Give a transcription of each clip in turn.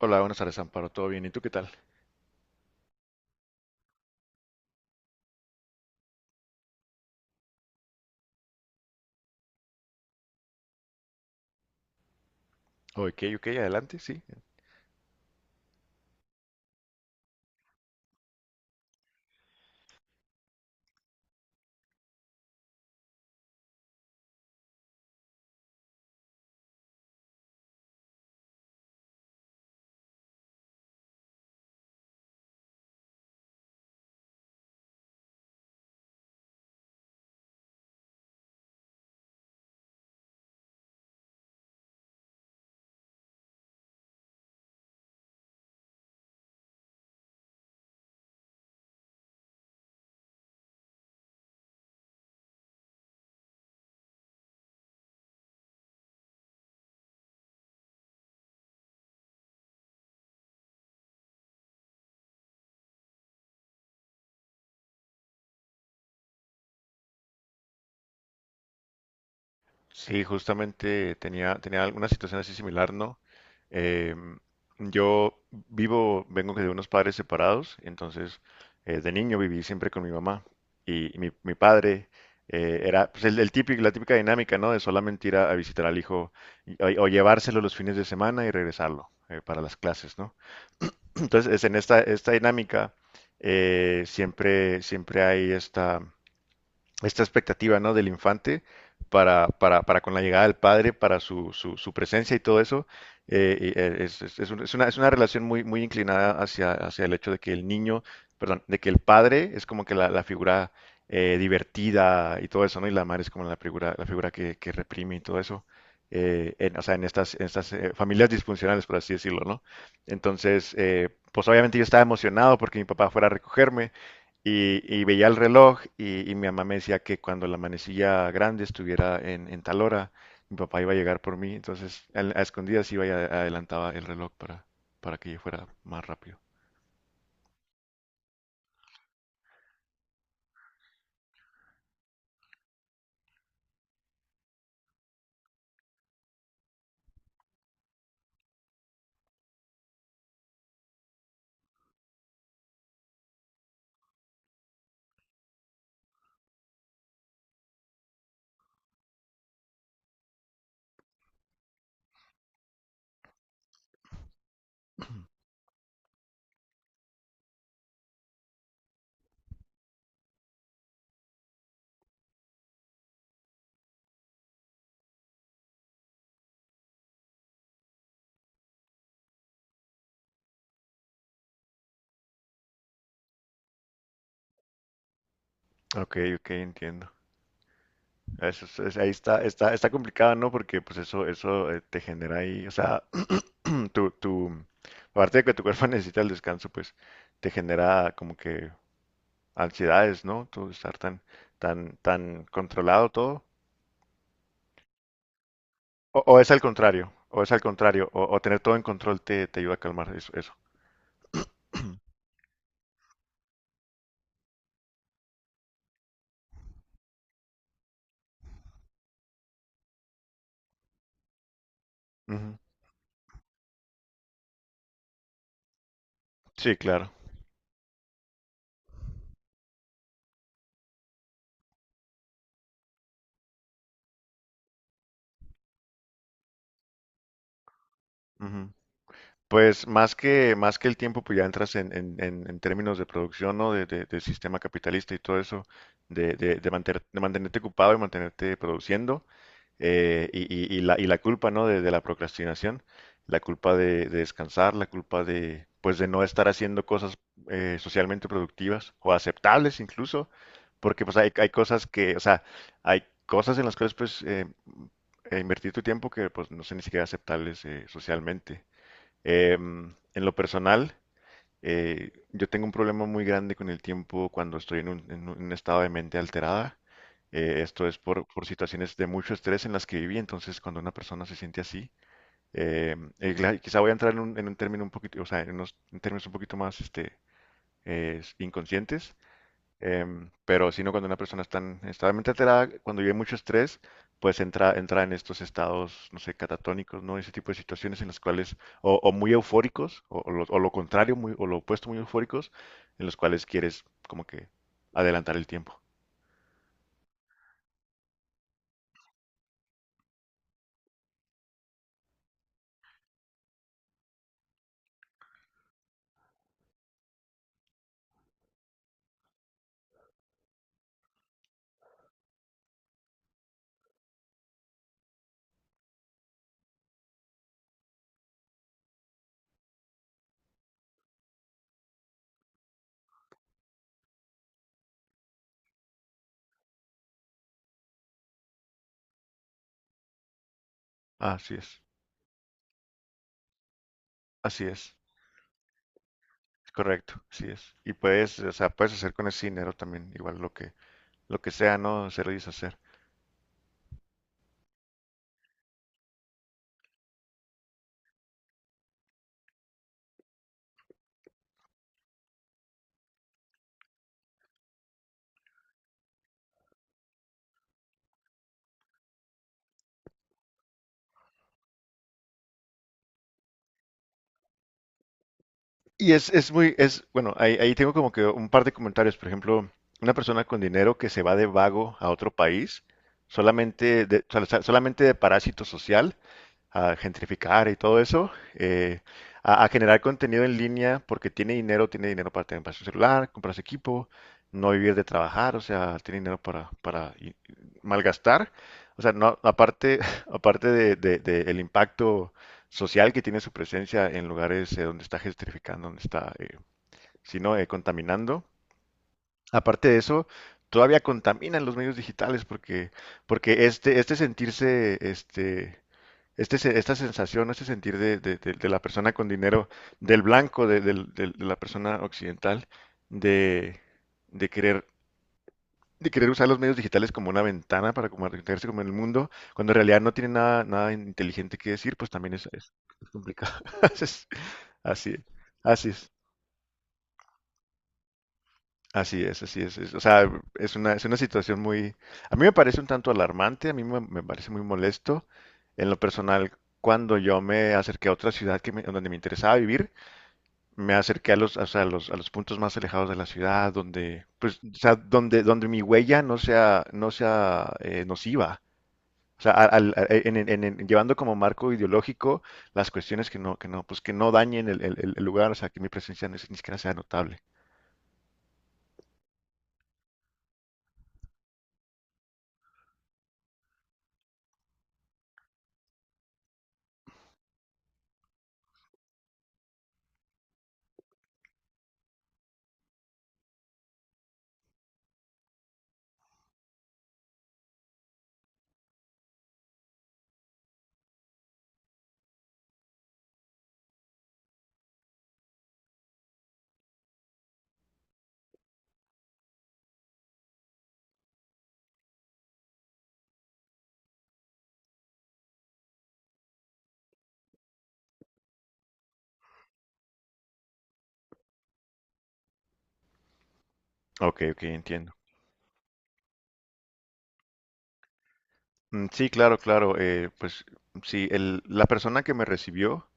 Hola, buenas tardes, Amparo. ¿Todo bien? ¿Y tú qué tal? Ok, ok, adelante, sí. Sí, justamente tenía alguna situación así similar, ¿no? Em, yo vivo, vengo de unos padres separados, entonces de niño viví siempre con mi mamá y mi padre era pues, el típico, la típica dinámica, ¿no? De solamente ir a visitar al hijo o llevárselo los fines de semana y regresarlo para las clases, ¿no? Entonces, es en esta dinámica siempre, siempre hay esta esta expectativa, ¿no? Del infante para con la llegada del padre, para su presencia y todo eso. Es un- es una relación muy, muy inclinada hacia, hacia el hecho de que el niño, perdón, de que el padre es como que la figura divertida y todo eso, ¿no? Y la madre es como la figura que reprime y todo eso. O sea, en estas familias disfuncionales, por así decirlo, ¿no? Entonces, pues obviamente yo estaba emocionado porque mi papá fuera a recogerme y veía el reloj y mi mamá me decía que cuando la manecilla grande estuviera en tal hora, mi papá iba a llegar por mí. Entonces, escondidas iba y adelantaba el reloj para que yo fuera más rápido. Ok, ok, entiendo. Eso, ahí está complicado, ¿no? Porque pues eso te genera ahí, o sea, tu, tu, aparte de que tu cuerpo necesita el descanso, pues te genera como que ansiedades, ¿no? Tú estar tan controlado todo. O es al contrario, o es al contrario, o tener todo en control te ayuda a calmar eso. Ujú. Sí, claro. Ujú. Pues más que el tiempo, pues ya entras en términos de producción, ¿no? De sistema capitalista y todo eso, de mantenerte ocupado y mantenerte produciendo. Y la culpa, ¿no? De la procrastinación, la culpa de descansar, la culpa de, pues, de no estar haciendo cosas socialmente productivas o aceptables incluso, porque pues hay cosas que, o sea, hay cosas en las cuales pues invertir tu tiempo que pues no son ni siquiera aceptables socialmente. En lo personal, yo tengo un problema muy grande con el tiempo cuando estoy en un estado de mente alterada. Esto es por situaciones de mucho estrés en las que viví. Entonces, cuando una persona se siente así, quizá voy a entrar en un término un poquito, o sea, en unos en términos un poquito más inconscientes. Pero sino cuando una persona está realmente alterada, cuando vive mucho estrés, pues entra, entra en estos estados, no sé, catatónicos, ¿no? Ese tipo de situaciones en las cuales, o muy eufóricos, o lo contrario, muy, o lo opuesto, muy eufóricos, en los cuales quieres como que adelantar el tiempo. Así es, así es correcto, así es. Y puedes, o sea, puedes hacer con ese dinero también, igual lo que sea, ¿no? Hacer y deshacer. Y es muy, es, bueno, ahí, ahí tengo como que un par de comentarios. Por ejemplo, una persona con dinero que se va de vago a otro país, solamente solamente de parásito social, a gentrificar y todo eso, eh, a generar contenido en línea porque tiene dinero para tener para su celular, comprarse equipo, no vivir de trabajar, o sea, tiene dinero para, y malgastar. O sea, no, aparte, aparte de el impacto social que tiene su presencia en lugares donde está gentrificando, donde está, si no, contaminando. Aparte de eso, todavía contaminan los medios digitales porque, porque este sentirse, este, se- esta sensación, este sentir de la persona con dinero, del blanco, de la persona occidental, de, de querer, de querer usar los medios digitales como una ventana para comunicarse con el mundo, cuando en realidad no tiene nada, nada inteligente que decir, pues también es complicado. Es- Así, así es, así es, así es, o sea, es una situación muy, a mí me parece un tanto alarmante, a mí me, me parece muy molesto. En lo personal, cuando yo me acerqué a otra ciudad donde me interesaba vivir, me acerqué a los, o sea, a los puntos más alejados de la ciudad, donde, pues, o sea, donde, donde mi huella no sea, no sea nociva. O sea, llevando como marco ideológico las cuestiones que no, pues que no dañen el lugar, o sea, que mi presencia ni siquiera sea notable. Ok, ok, entiendo. Mm. Sí, claro, claro. Pues sí, la persona que me recibió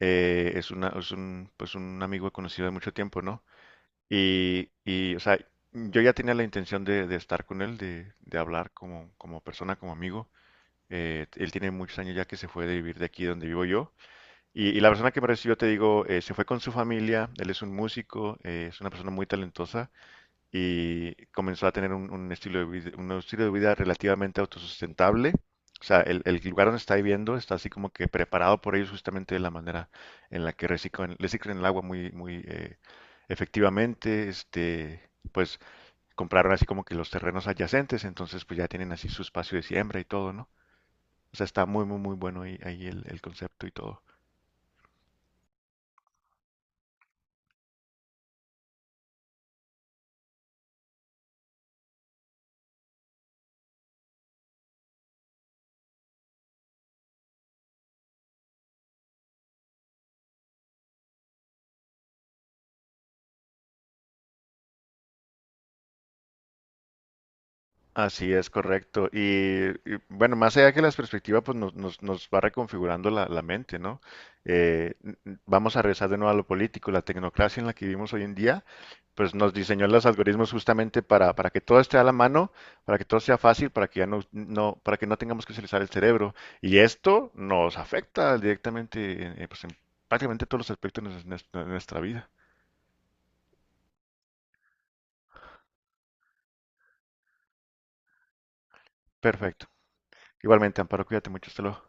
es una, es un, pues un amigo conocido de mucho tiempo, ¿no? O sea, yo ya tenía la intención de estar con él, de hablar como, como persona, como amigo. Él tiene muchos años ya que se fue de vivir de aquí donde vivo yo. Y la persona que me recibió, te digo, se fue con su familia. Él es un músico, es una persona muy talentosa. Y comenzó a tener un estilo de vida, un estilo de vida relativamente autosustentable. O sea, el lugar donde está viviendo está así como que preparado por ellos justamente de la manera en la que reciclan, reciclan el agua muy, muy efectivamente. Este, pues compraron así como que los terrenos adyacentes, entonces pues ya tienen así su espacio de siembra y todo, ¿no? O sea, está muy, muy, muy bueno ahí, ahí el concepto y todo. Así es, correcto. Bueno, más allá que las perspectivas, pues nos va reconfigurando la mente, ¿no? Vamos a regresar de nuevo a lo político. La tecnocracia en la que vivimos hoy en día, pues nos diseñó los algoritmos justamente para que todo esté a la mano, para que todo sea fácil, para que ya no, no, para que no tengamos que utilizar el cerebro. Y esto nos afecta directamente en, pues, en prácticamente todos los aspectos de nuestra vida. Perfecto. Igualmente, Amparo, cuídate mucho. Hasta luego.